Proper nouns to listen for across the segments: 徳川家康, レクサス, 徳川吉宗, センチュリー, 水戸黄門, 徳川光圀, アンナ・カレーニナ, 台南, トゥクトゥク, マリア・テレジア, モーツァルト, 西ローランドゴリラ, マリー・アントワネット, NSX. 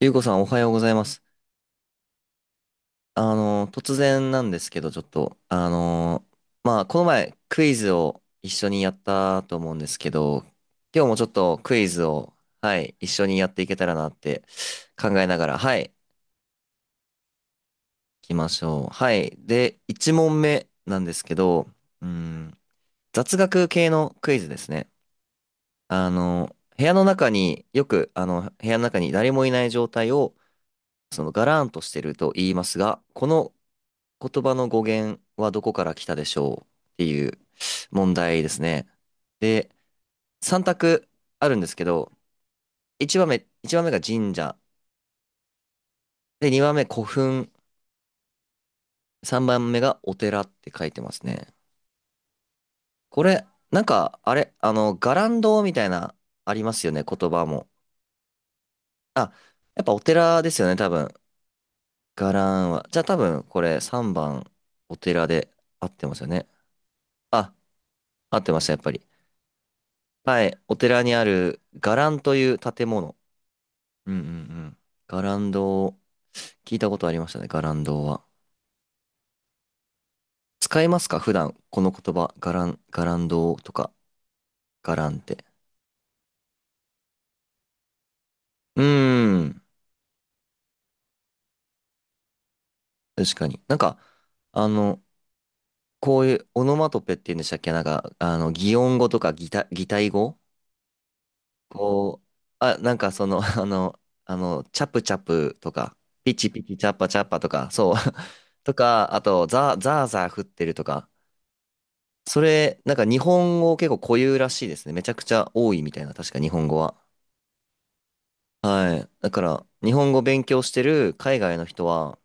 ゆうこさんおはようございます。突然なんですけど、ちょっと、あの、まあ、この前クイズを一緒にやったと思うんですけど、今日もちょっとクイズを、はい、一緒にやっていけたらなって考えながら、はい、行きましょう。はい。で、1問目なんですけど、うん、雑学系のクイズですね。部屋の中によく、部屋の中に誰もいない状態を、そのガラーンとしてると言いますが、この言葉の語源はどこから来たでしょうっていう問題ですね。で、3択あるんですけど、1番目、一番目が神社。で、2番目古墳。3番目がお寺って書いてますね。これ、伽藍堂みたいな、ありますよね、言葉も。あ、やっぱお寺ですよね、多分。伽藍は。じゃあ多分、これ3番、お寺で合ってますよね。あ、合ってました、やっぱり。はい、お寺にある伽藍という建物。うんうんうん。ガランドを、聞いたことありましたね、ガランドは。使いますか普段、この言葉、ガランドとか、ガランって。うーん、確かに。あの、こういうオノマトペって言うんでしたっけ擬音語とか擬態語こう、あ、なんかその、あの、チャプチャプとか、ピチピチチャッパチャッパとか、そう。とか、あと、ザーザー降ってるとか、それ、なんか日本語結構固有らしいですね。めちゃくちゃ多いみたいな、確か日本語は。はい。だから、日本語勉強してる海外の人は、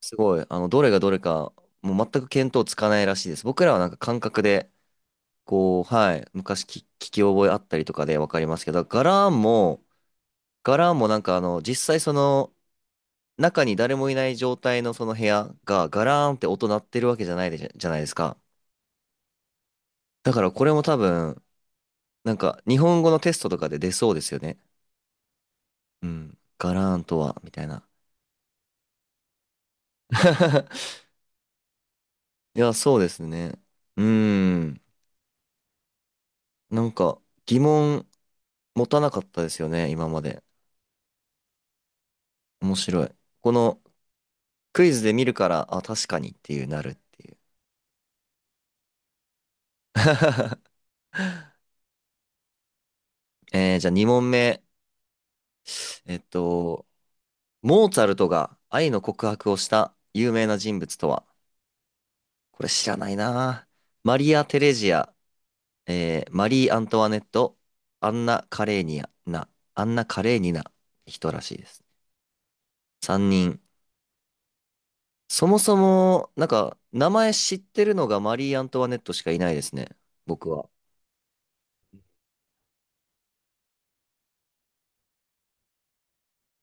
すごい、あの、どれがどれか、もう全く見当つかないらしいです。僕らはなんか感覚で、こう、はい、昔聞き覚えあったりとかでわかりますけど、柄も、実際その、中に誰もいない状態のその部屋が、ガラーンって音鳴ってるわけじゃないでじゃじゃないですか。だからこれも多分、なんか日本語のテストとかで出そうですよね。うん。ガラーンとは、みたいな。いや、そうですね。うーん。なんか、疑問持たなかったですよね、今まで。面白い。このクイズで見るから、あ、確かにっていうなるっていう。えー、じゃあ2問目。えっと、モーツァルトが愛の告白をした有名な人物とはこれ知らないな。マリア・テレジア、えーマリー・アントワネット、アンナ・カレーニアな、アンナ・カレーニナ、人らしいです。3人。そもそも、なんか、名前知ってるのがマリー・アントワネットしかいないですね。僕は。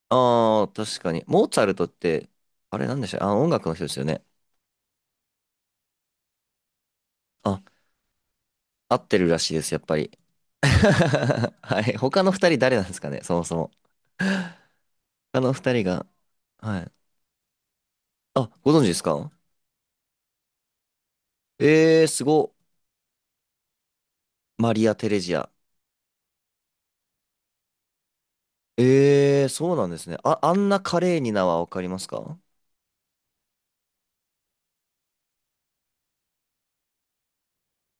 ああ、確かに。モーツァルトって、あれなんでしたあ、音楽の人ですよね。あ、合ってるらしいです、やっぱり。はい。他の2人誰なんですかね、そもそも。他の2人が、はい。あ、ご存知ですかえー、すご。マリア・テレジア。えー、そうなんですね。あ、あんな華麗に名はわかりますか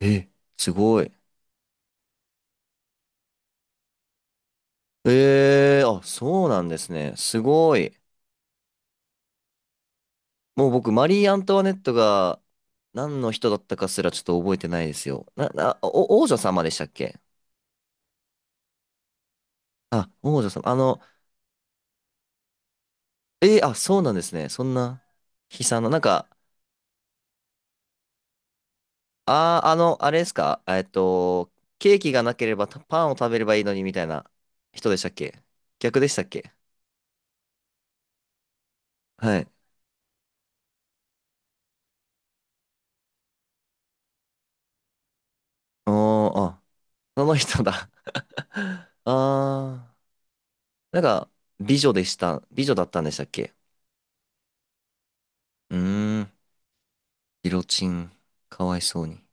え、すごい。えー、あ、そうなんですね。すごい。もう僕、マリー・アントワネットが何の人だったかすらちょっと覚えてないですよ。な、な、お、王女様でしたっけあ、王女様。あ、そうなんですね。そんな悲惨な、なんか、あれですかえっと、ケーキがなければパンを食べればいいのにみたいな人でしたっけ逆でしたっけはい。おー、あ、その人だ あー、なんか、美女だったんでしたっけうーん、ギロチン、かわいそうに。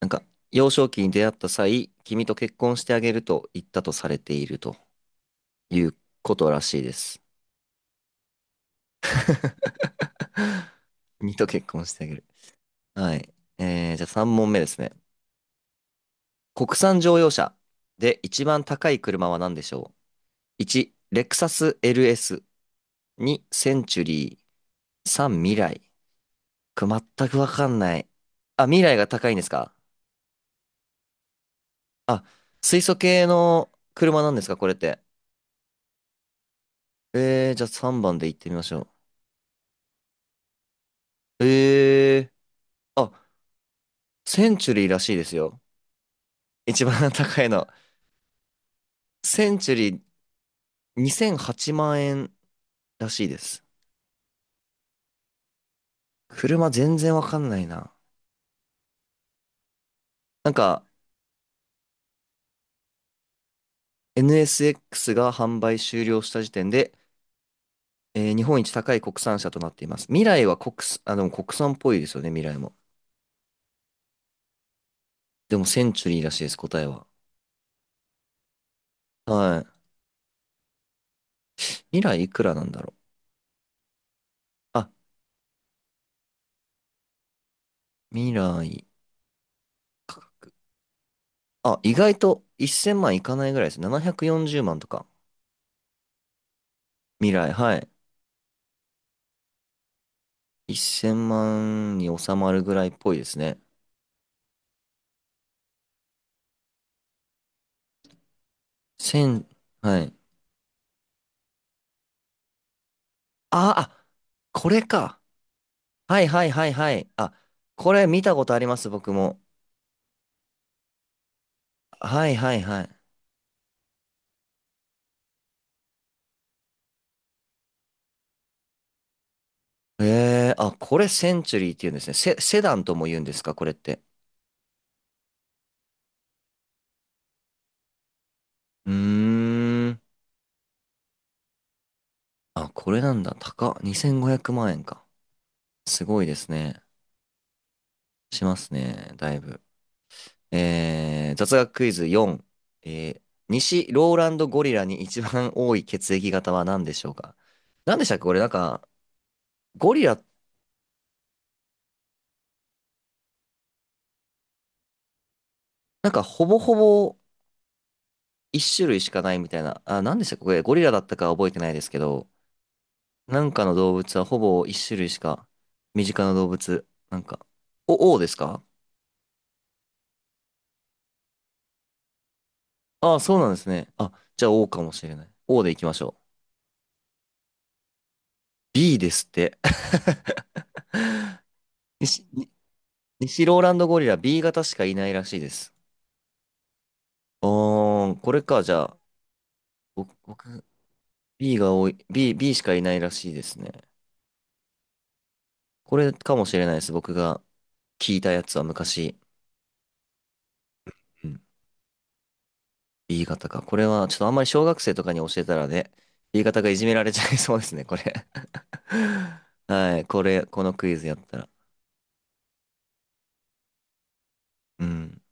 なんか、幼少期に出会った際、君と結婚してあげると言ったとされているということらしいです。君と結婚してあげる。はい。えー、じゃあ3問目ですね。国産乗用車で一番高い車は何でしょう？ 1、レクサス LS。2、センチュリー。3、未来。これ全くわかんない。あ、未来が高いんですかあ、水素系の車なんですかこれって。えー、じゃあ3番で行ってみましょう。えー。あセンチュリーらしいですよ。一番高いの。センチュリー2008万円らしいです。車全然わかんないな。なんか NSX が販売終了した時点で、えー日本一高い国産車となっています。未来は国産、あ、でも国産っぽいですよね、未来も。でもセンチュリーらしいです、答えは。はい。未来いくらなんだろう。あ、未来。あ、意外と1000万いかないぐらいです。740万とか。未来、はい。1000万に収まるぐらいっぽいですね。1000、はい。ああ、これか。はいはいはいはい。あ、これ見たことあります、僕も。はいはいはい。えー、あ、これセンチュリーって言うんですね。セ、セダンとも言うんですか、これって。うーん。あ、これなんだ。高っ。2500万円か。すごいですね。しますね。だいぶ。えー、雑学クイズ4。えー、西ローランドゴリラに一番多い血液型は何でしょうか何でしたっけこれなんか、ゴリラ、なんかほぼほぼ一種類しかないみたいな。あ、何でしたっけこれゴリラだったかは覚えてないですけど、なんかの動物はほぼ一種類しか、身近な動物、なんか、O ですかああ、そうなんですね。あ、じゃあ O かもしれない。O でいきましょう。B ですって。西、西ローランドゴリラ B 型しかいないらしいです。あー、これか、じゃあ、僕、僕、B しかいないらしいですね。これかもしれないです。僕が聞いたやつは昔、うん、B 型か。これは、ちょっとあんまり小学生とかに教えたらね、B 型がいじめられちゃいそうですね、これ。はい、これ、このクイズやったら。うん。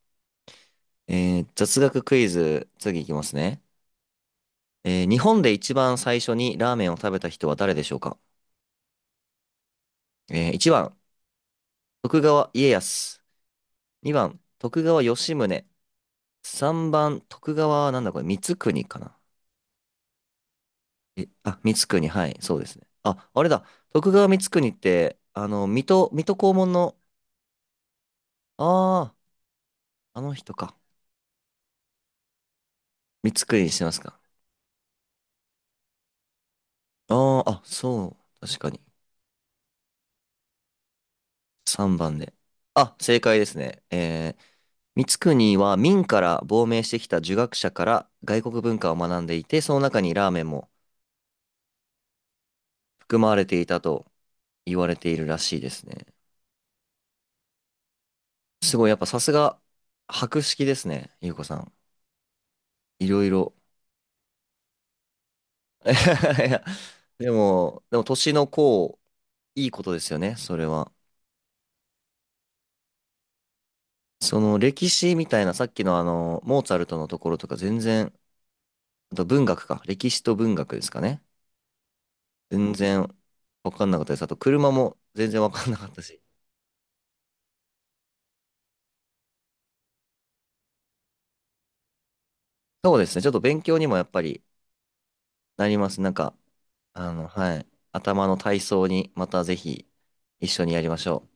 えー、雑学クイズ、次いきますね。えー、日本で一番最初にラーメンを食べた人は誰でしょうかえー、1番、徳川家康。2番、徳川吉宗。3番、徳川はなんだこれ、光圀かな。え、あ、光圀、はい、そうですね。あ、あれだ、徳川光圀って、あの、水戸黄門の、ああ、あの人か。光圀にしてますか。ああ、あ、そう、確かに。3番で。あ、正解ですね。えー、光圀は明から亡命してきた儒学者から外国文化を学んでいて、その中にラーメンも含まれていたと言われているらしいですね。すごい、やっぱさすが、博識ですね、ゆうこさん。いろいろ。いやでも、でも年の功、いいことですよね、それは。その歴史みたいな、さっきのあの、モーツァルトのところとか全然、あと文学か、歴史と文学ですかね。全然わかんなかったです。あと車も全然わかんなかったし。そうですね、ちょっと勉強にもやっぱりなります。はい。頭の体操にまたぜひ一緒にやりましょう。